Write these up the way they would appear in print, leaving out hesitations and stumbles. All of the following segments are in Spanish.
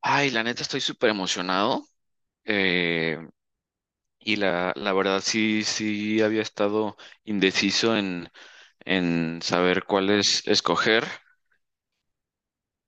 Ay, la neta estoy súper emocionado. eh, la verdad sí, sí había estado indeciso en saber cuál es escoger.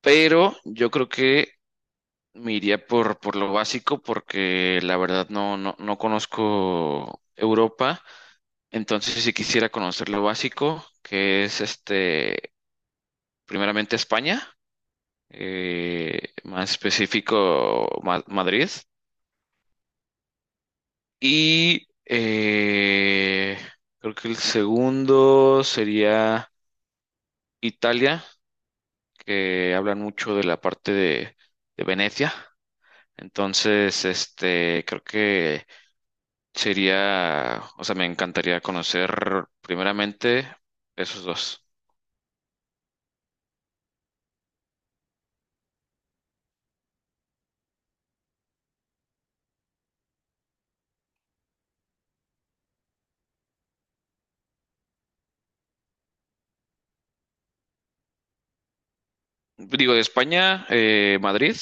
Pero yo creo que me iría por lo básico porque la verdad no, no, no conozco Europa. Entonces si quisiera conocer lo básico, que es este, primeramente España, más específico Madrid. Y creo que el segundo sería Italia, que hablan mucho de la de Venecia. Entonces, este, creo que sería, o sea, me encantaría conocer primeramente esos dos. Digo, de España, Madrid,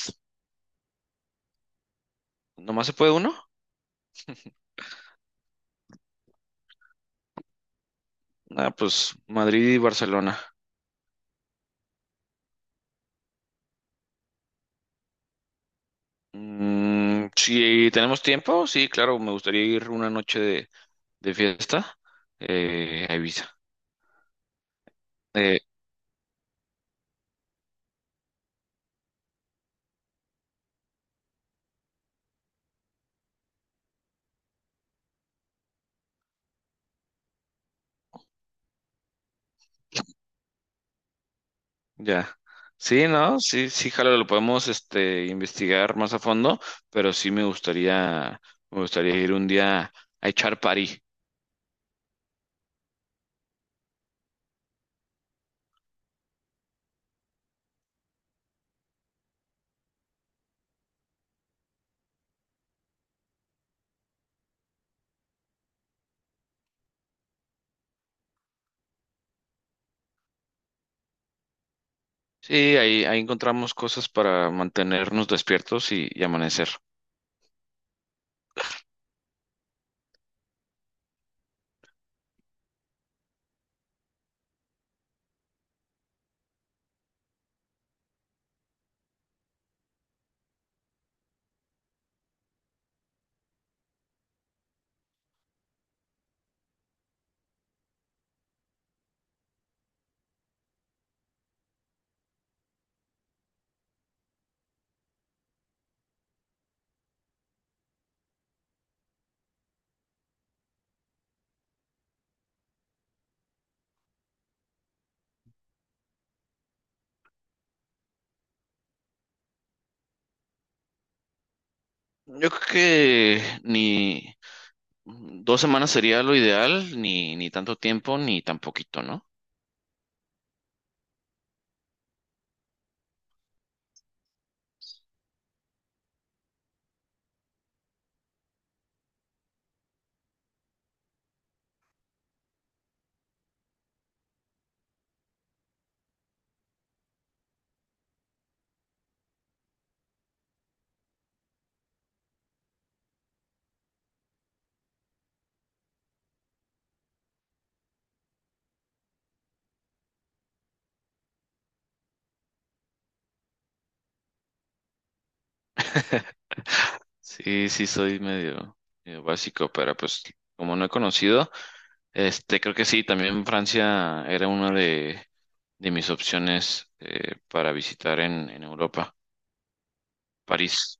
¿nomás se puede uno? Ah, pues Madrid y Barcelona. Mm, si tenemos tiempo, sí, claro, me gustaría ir una noche de fiesta, a Eh, ya. Sí, no, sí, sí, jalo, lo podemos este, investigar más a fondo, pero sí me gustaría ir un día a echar party. Sí, ahí encontramos cosas para mantenernos despiertos y amanecer. Yo creo que ni 2 semanas sería lo ideal, ni, ni tanto tiempo, ni tan poquito, ¿no? Sí, sí, soy medio básico, pero pues como no he conocido, este, creo que sí, también Francia era una de mis opciones para visitar en Europa, París.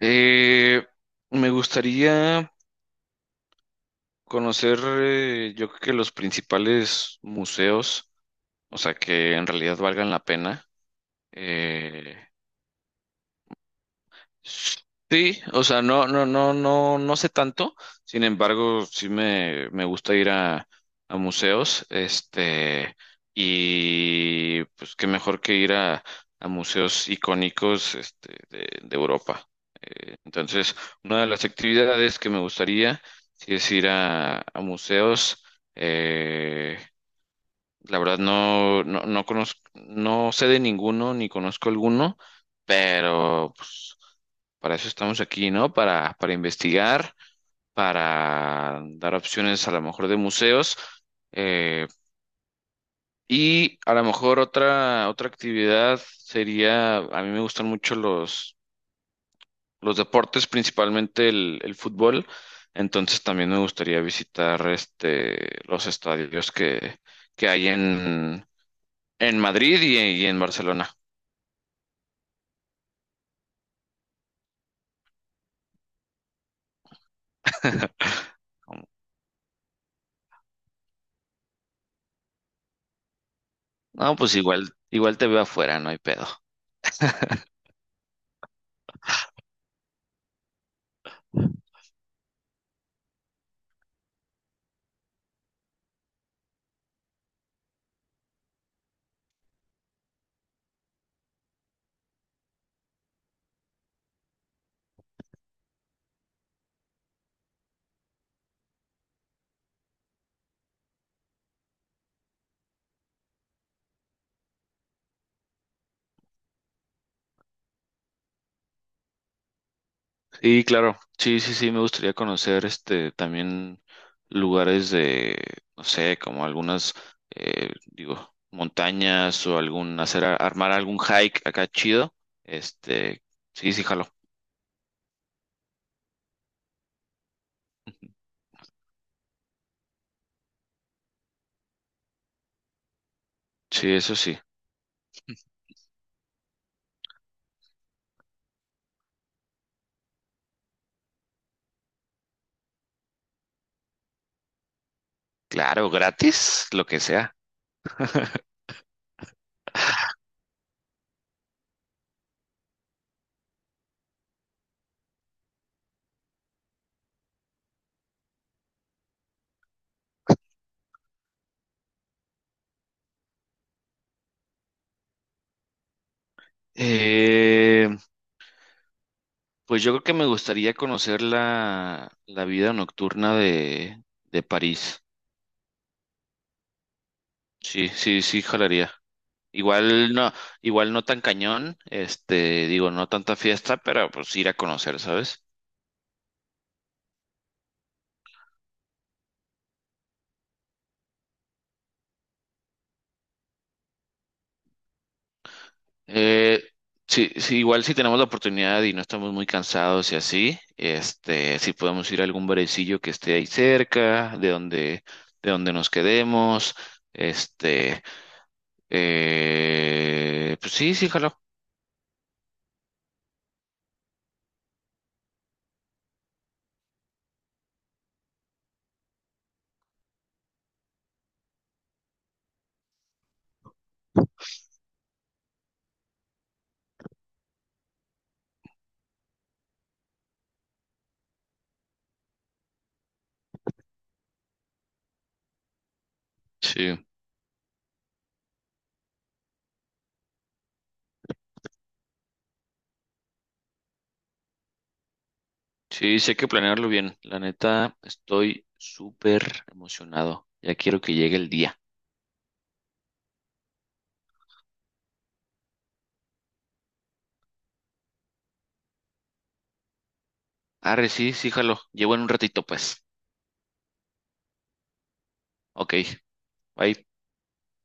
Eh, me gustaría conocer, yo creo que los principales museos, o sea, que en realidad valgan la pena. Eh, Sí, o sea, no, no, no, no, no sé tanto. Sin embargo, sí me gusta ir a museos, este, y pues qué mejor que ir a museos icónicos, este, de Europa. Entonces, una de las actividades que me gustaría, sí es ir a museos. Eh, la verdad no, no, no conozco, no sé de ninguno, ni conozco alguno, pero pues, para eso estamos aquí, ¿no? Para investigar, para dar opciones a lo mejor de museos. eh, y a lo mejor otra actividad sería, a mí me gustan mucho los deportes, principalmente el fútbol. Entonces también me gustaría visitar este, los estadios que hay en Madrid y en Barcelona. No, pues igual, igual te veo afuera, no hay pedo. Y claro, sí, sí, sí, me gustaría conocer este también lugares no sé, como algunas, digo, montañas o algún, hacer, armar algún hike acá chido. Este, sí, sí, jalo. Sí, eso sí. Claro, gratis, lo que sea. Eh, pues yo creo que me gustaría conocer la vida nocturna de París. Sí, sí, sí, jalaría. Igual no, igual no tan cañón, este, digo, no tanta fiesta, pero pues ir a conocer, ¿sabes? Eh, sí, sí, igual si tenemos la oportunidad y no estamos muy cansados y así, este, si podemos ir a algún barecillo que esté ahí cerca, de donde nos quedemos, este, pues sí, sí, jalo. Sí, sí, sí hay que planearlo bien. La neta, estoy súper emocionado. Ya quiero que llegue el día. Arre, sí, sí, jalo. Llevo en un ratito, pues. Ok, ahí